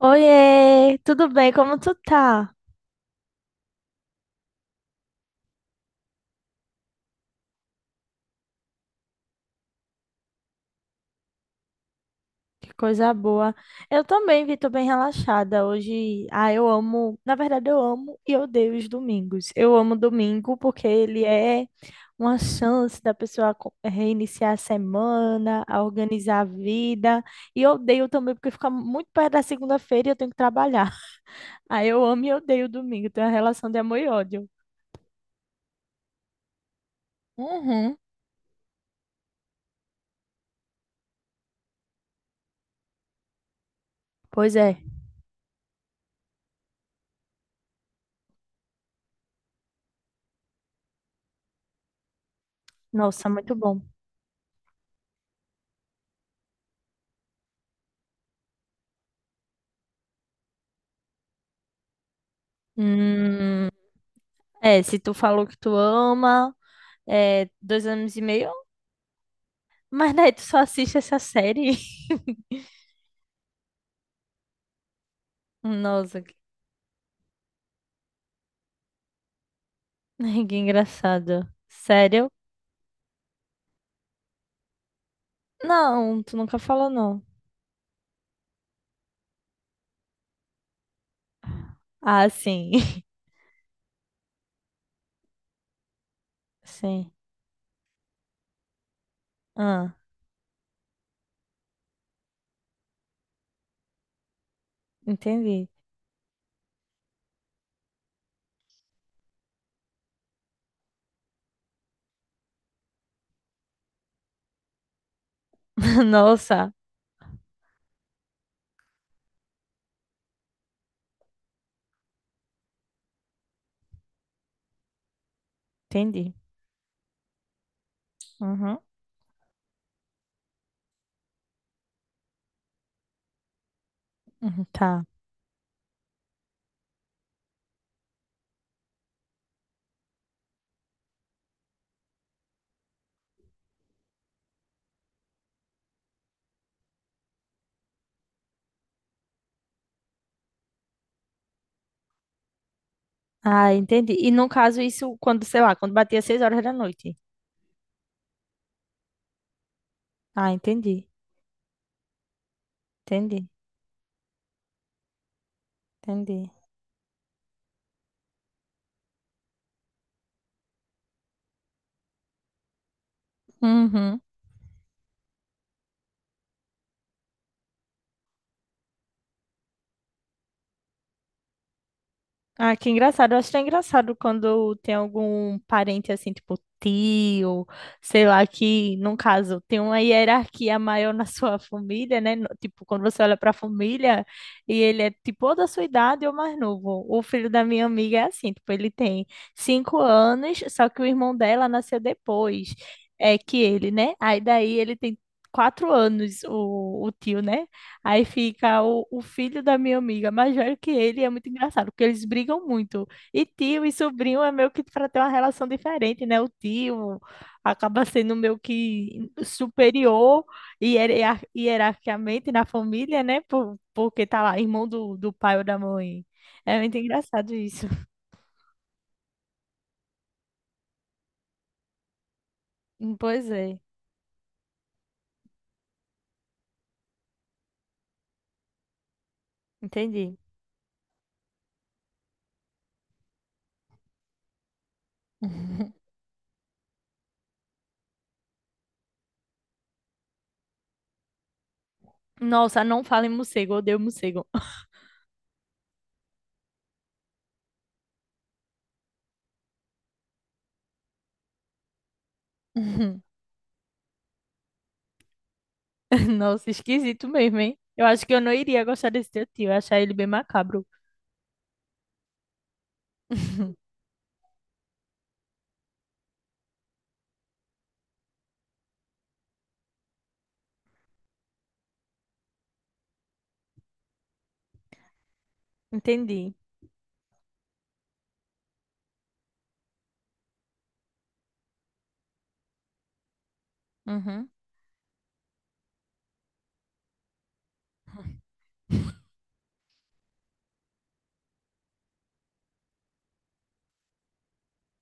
Oiê, tudo bem? Como tu tá? Que coisa boa. Eu também, vi, tô bem relaxada hoje. Ah, eu amo, na verdade eu amo e odeio os domingos. Eu amo domingo porque ele é uma chance da pessoa reiniciar a semana, a organizar a vida. E odeio também porque fica muito perto da segunda-feira e eu tenho que trabalhar. Ah, eu amo e odeio o domingo. Tem uma relação de amor e ódio. Uhum. Pois é. Nossa, muito bom. Hum. É, se tu falou que tu ama, é, dois anos e meio, mas daí tu só assiste essa série. Nossa, que, que engraçado. Sério? Não, tu nunca falou não. Ah, sim. Sim. Ah, entendi. Nossa, entendi. Uhum. Uhum, tá. Ah, entendi. E no caso, isso quando, sei lá, quando batia 6 horas da noite. Ah, entendi. Entendi. Entendi. Uhum. Ah, que engraçado. Eu acho tão engraçado quando tem algum parente assim, tipo tio, sei lá, que, num caso, tem uma hierarquia maior na sua família, né? Tipo, quando você olha para a família e ele é tipo ou da sua idade ou mais novo. O filho da minha amiga é assim, tipo, ele tem 5 anos, só que o irmão dela nasceu depois, é que ele, né? Aí daí ele tem 4 anos, o tio, né? Aí fica o filho da minha amiga, mais velho que ele, e é muito engraçado, porque eles brigam muito. E tio e sobrinho é meio que para ter uma relação diferente, né? O tio acaba sendo meio que superior hierarquicamente na família, né? Porque tá lá, irmão do pai ou da mãe. É muito engraçado isso. Pois é, entendi. Nossa, não fale em morcego, eu odeio morcego. Nossa, esquisito mesmo, hein? Eu acho que eu não iria gostar desse teu tio, eu ia achar ele bem macabro. Entendi. Uhum.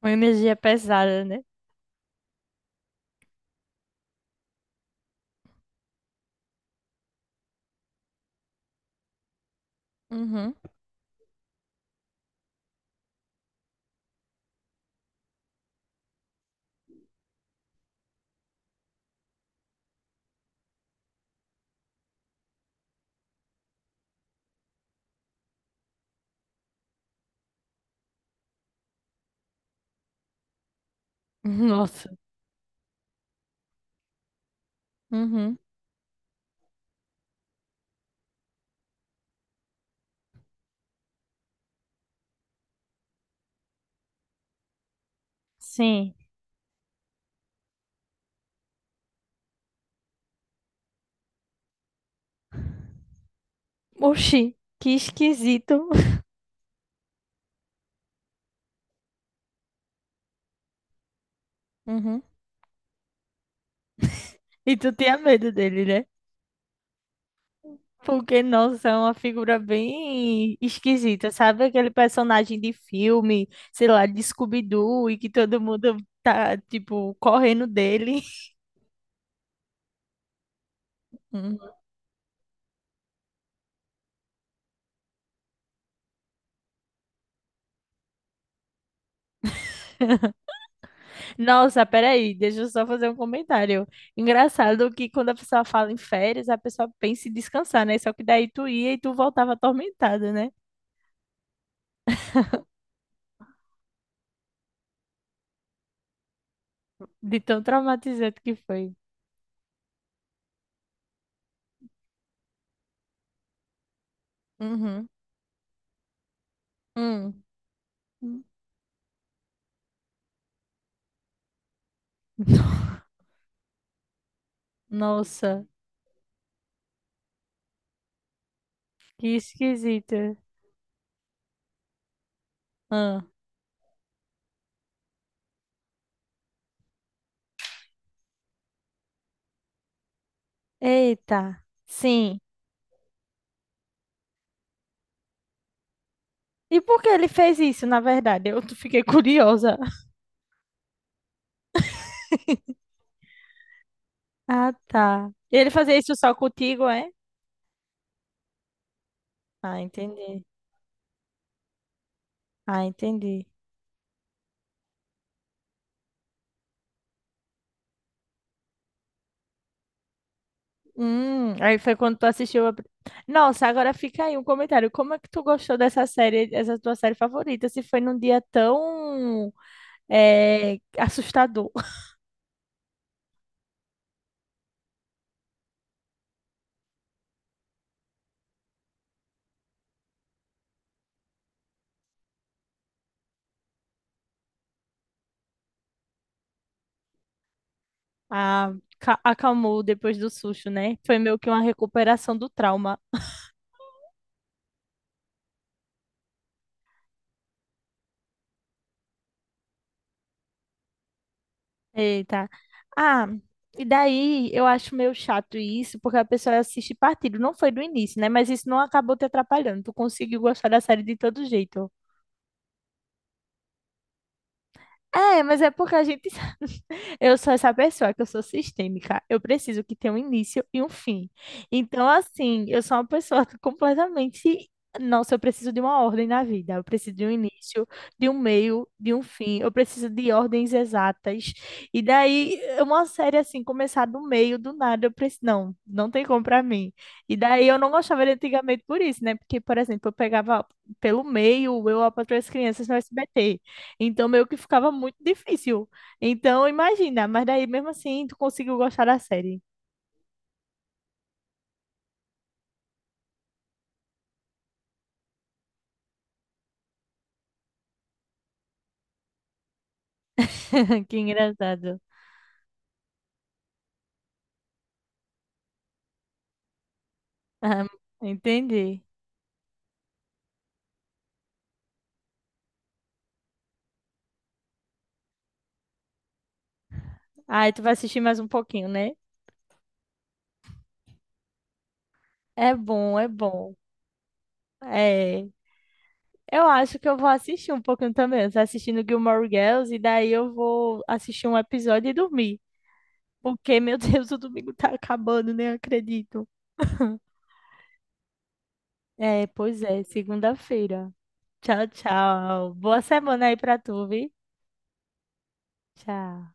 Uma energia pesada, né? Uhum. Nossa. Uhum. Sim. Oxi, que esquisito. Uhum. E tu tinha medo dele, né? Porque, nossa, é uma figura bem esquisita, sabe? Aquele personagem de filme, sei lá, de Scooby-Doo, e que todo mundo tá, tipo, correndo dele. Nossa, peraí, deixa eu só fazer um comentário. Engraçado que quando a pessoa fala em férias, a pessoa pensa em descansar, né? Só que daí tu ia e tu voltava atormentada, né? De tão traumatizante que foi. Uhum. Hum. Nossa, que esquisito. Ah. Eita, sim. E por que ele fez isso, na verdade? Eu fiquei curiosa. Ah, tá. Ele fazia isso só contigo, é? Ah, entendi. Ah, entendi. Aí foi quando tu Nossa, agora fica aí um comentário. Como é que tu gostou dessa série, essa tua série favorita, se foi num dia tão assustador? Ah, acalmou depois do susto, né? Foi meio que uma recuperação do trauma. Eita. Ah, e daí eu acho meio chato isso, porque a pessoa assiste partido. Não foi do início, né? Mas isso não acabou te atrapalhando. Tu conseguiu gostar da série de todo jeito. É, mas é porque a gente. Eu sou essa pessoa que eu sou sistêmica. Eu preciso que tenha um início e um fim. Então, assim, eu sou uma pessoa que completamente. Nossa, eu preciso de uma ordem na vida. Eu preciso de um início, de um meio, de um fim. Eu preciso de ordens exatas. E daí, uma série assim, começar do meio, do nada, eu preciso. Não, não tem como pra mim. E daí, eu não gostava de antigamente por isso, né? Porque, por exemplo, eu pegava pelo meio, eu, a Patroa e as Crianças no SBT. Então, meio que ficava muito difícil. Então, imagina, mas daí mesmo assim tu conseguiu gostar da série. Que engraçado. Ah, entendi. Aí tu vai assistir mais um pouquinho, né? É bom, é bom. É. Eu acho que eu vou assistir um pouquinho também. Eu tô assistindo Gilmore Girls e daí eu vou assistir um episódio e dormir. Porque, meu Deus, o domingo tá acabando, nem acredito. É, pois é, segunda-feira. Tchau, tchau. Boa semana aí pra tu, viu? Tchau.